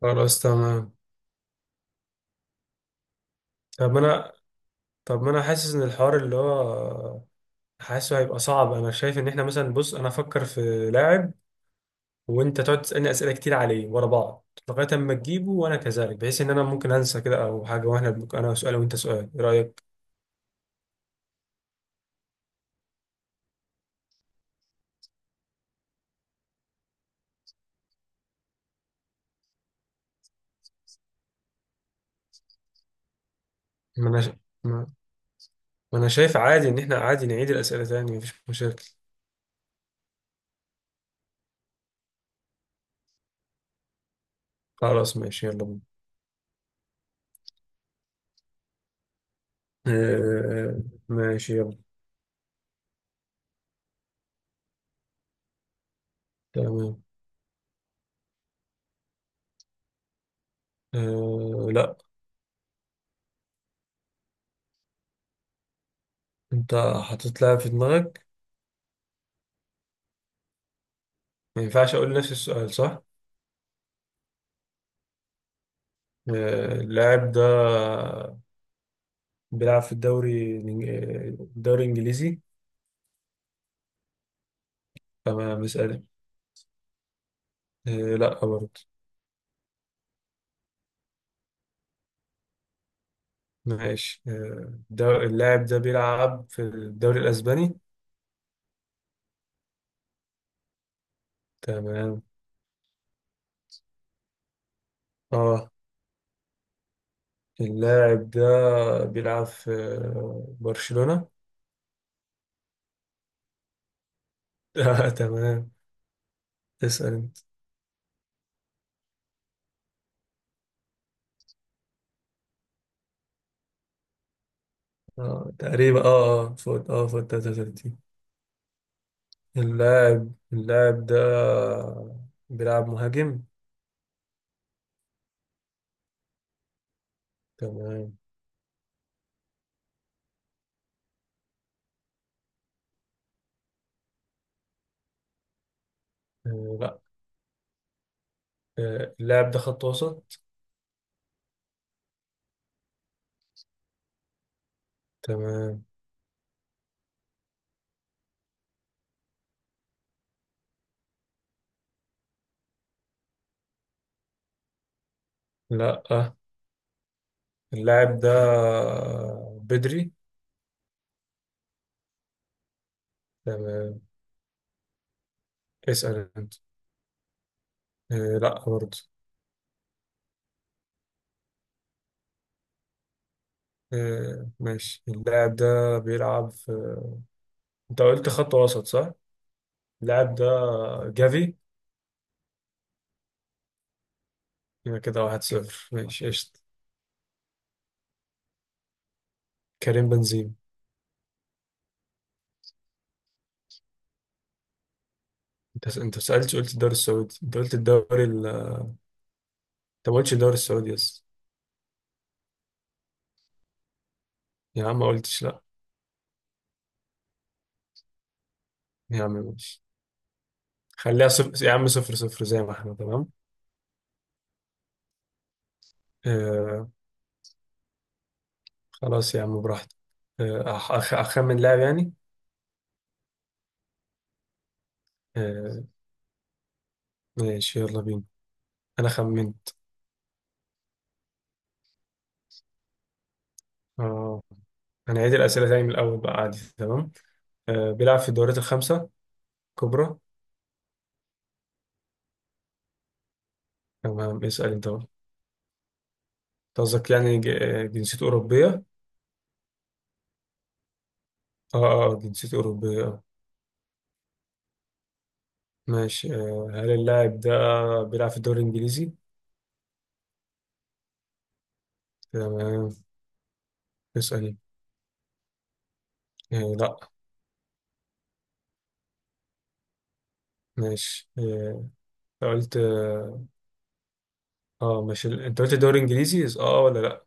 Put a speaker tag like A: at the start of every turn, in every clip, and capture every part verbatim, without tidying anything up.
A: خلاص، تمام. طب انا طب ما انا حاسس ان الحوار اللي هو حاسه هيبقى صعب. انا شايف ان احنا مثلا، بص، انا افكر في لاعب وانت تقعد تسالني اسئله كتير عليه ورا بعض لغايه اما تجيبه، وانا كذلك، بحيث ان انا ممكن انسى كده او حاجه، واحنا بنك... انا سؤال وانت سؤال، ايه رايك؟ ما انا ش... ما... ما انا شايف عادي ان احنا عادي نعيد الاسئله تاني، مفيش مشاكل. خلاص ماشي، يلا بينا. آه... ماشي يلا. تمام. آه... لا. انت حطيت لاعب في دماغك، ما ينفعش اقول نفس السؤال صح؟ آه، اللاعب ده بيلعب في الدوري الإنج- آه، الدوري الإنجليزي؟ أما مش قادر. آه، لا برضه. ماشي. آه، الدو- اللاعب ده بيلعب في الدوري الأسباني؟ تمام. اه. اللاعب ده بيلعب في آه، برشلونة؟ آه، تمام. اسأل انت. اه، تقريبا، اه اه فوت اه فوت ثلاثة وثلاثين. اللاعب اللاعب ده بيلعب مهاجم؟ تمام. آه، لا. آه، اللاعب ده خط وسط. تمام. لا، اللاعب ده بدري. تمام. اسأل انت. آه، لا برضه. آه، ماشي. اللاعب ده بيلعب في انت قلت خط وسط صح؟ اللاعب ده جافي. يبقى كده واحد صفر، ماشي قشطة. كريم بنزيما. انت انت سألتش، قلت الدوري السعودي؟ انت قلت الدوري ال... انت، ما قلتش الدوري السعودي يس. يا عم ما قلتش، لا. يا عم ماشي، خليها صفر يا عم، صفر صفر زي ما احنا، تمام. آه، خلاص يا عم، براحتك. آه، أخ أخ- أخمن لاعب يعني. آه، ماشي يلا بينا. أنا خمنت. آه هنعيد الأسئلة تاني من الأول بقى، عادي. تمام. آه بيلعب في الدوريات الخمسة الكبرى. تمام، اسأل أنت بقى. أنت قصدك يعني ج- آه، جنسيته أوروبية؟ آه آه جنسيته أوروبية، آه ماشي. آه هل اللاعب ده بيلعب في الدوري الإنجليزي؟ تمام، اسأل. آه لا. ماشي. آه أنت قلت آه آه، ماشي، أنت قلت الدوري الإنجليزي آه ولا لا؟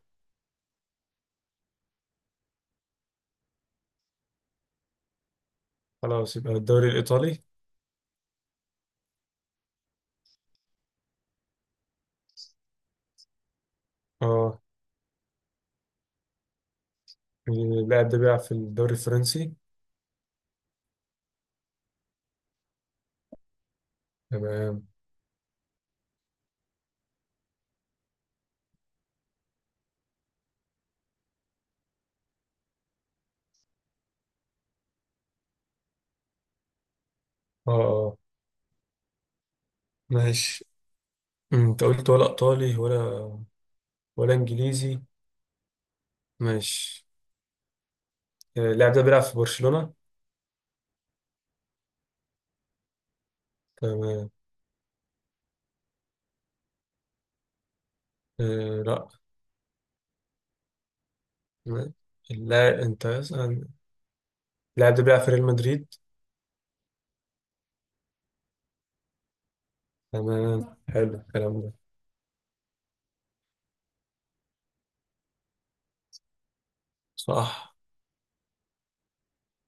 A: خلاص، يبقى الدوري الإيطالي. اه، اللاعب ده بيلعب في الدوري الفرنسي؟ تمام. اه، اه، ماشي. أمم، انت قلت ولا ايطالي ولا ولا انجليزي. ماشي. آه، اللاعب ده بيلعب في برشلونة؟ تمام. آه لا. م- اللاعب انت اسأل. اللاعب ده بيلعب في ريال مدريد. تمام، حلو الكلام ده. صح.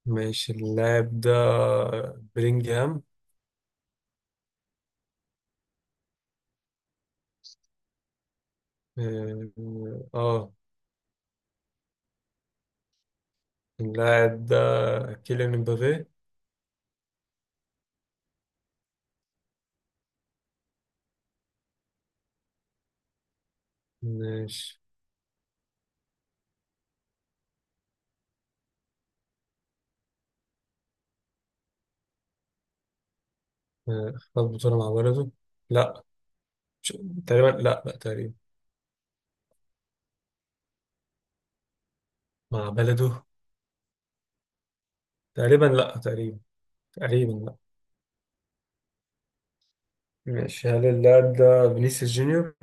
A: ماشي، اللاعب ده بلينجهام. اه. آه. اللاعب ده كيليان امبابي. ماشي. آه، خد بطولة مع بلده؟ لا. مش- تقريبا لا، لا تقريبا. مع بلده، تقريبا لا، تقريبا. تقريبا، لا. ماشي، هل اللاعب ده فينيسيوس جونيور؟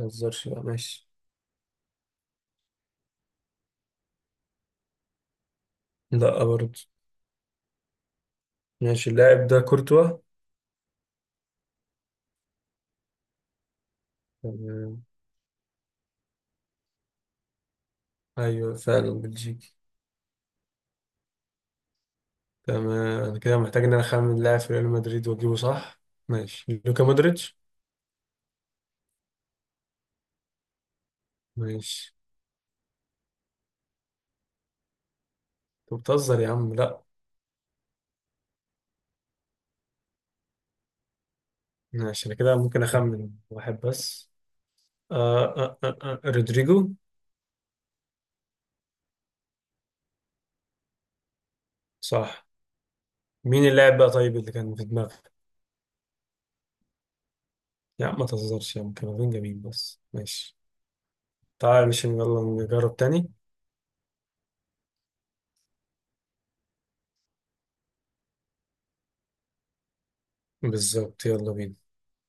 A: ما تهزرش بقى، ماشي. لا برضه. ماشي، اللاعب ده كورتوا. تمام. ايوه فعلا بلجيكي. تمام. انا كده محتاج ان انا اخمن لاعب في ريال مدريد واجيبه صح. ماشي، لوكا مودريتش. ماشي. انت بتهزر يا عم، لا. ماشي. انا كده ممكن اخمن واحد بس. آه آه آه آه. رودريجو. صح. مين اللاعب بقى طيب اللي كان في دماغك؟ لا، ما تهزرش يا عم، كامافينجا مين بس؟ ماشي. تعال، مش، يلا نجرب تاني. بالظبط، يلا بينا.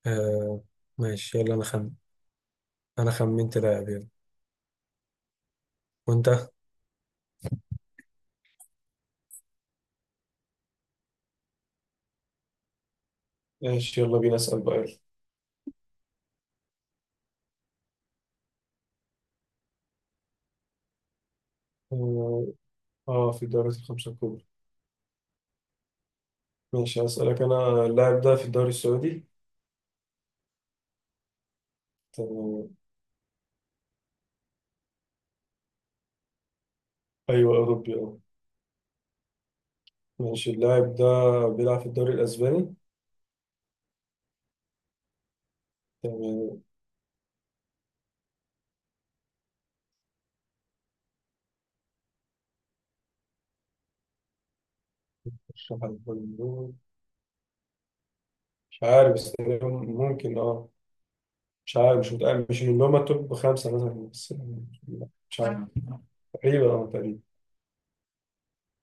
A: آه ماشي يلا. انا خم انا خمنت لاعب، يلا. وانت؟ ماشي يلا بينا، اسال بقى يلا. اه. آه، في الدوري الخمسة الكبرى. ماشي، اسالك انا، اللاعب ده في الدوري السعودي؟ تمام. ايوه اوروبي، اه. ماشي، اللاعب ده بيلعب في الدوري الاسباني؟ تمام. مش عارف. مش عارف، بس تقريباً ممكن، اه. مش عارف، مش متأكد، مش من اللي هما التوب خمسة مثلا، بس مش عارف. آه. تقريبا، اه، تقريبا.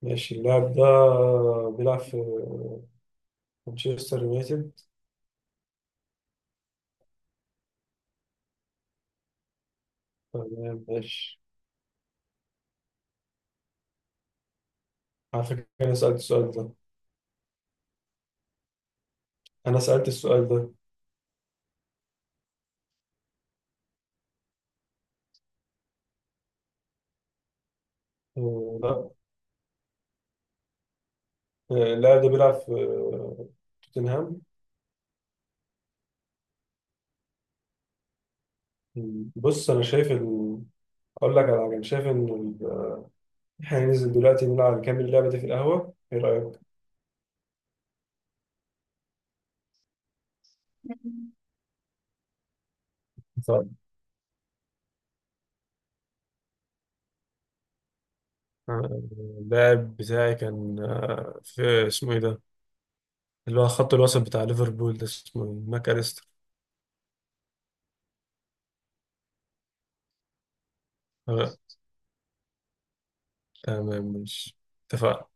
A: ماشي، اللاعب ده بيلعب في مانشستر يونايتد؟ تمام، ماشي. على فكرة أنا سألت السؤال ده. أنا سألت السؤال ده. آه، لا. آه، اللاعب ده بيلعب في آه، توتنهام؟ بص أنا شايف ال... أقول لك على حاجة، أنا شايف إن ال- إحنا ننزل دلوقتي نلعب، نكمل اللعبة دي في القهوة، إيه رأيك؟ طيب. آه، اللاعب بتاعي كان، آه، في اسمه ايه ده، اللي هو خط الوسط بتاع ليفربول ده، اسمه إيه؟ ماك أليستر. آه، تمام ماشي. اتفقنا.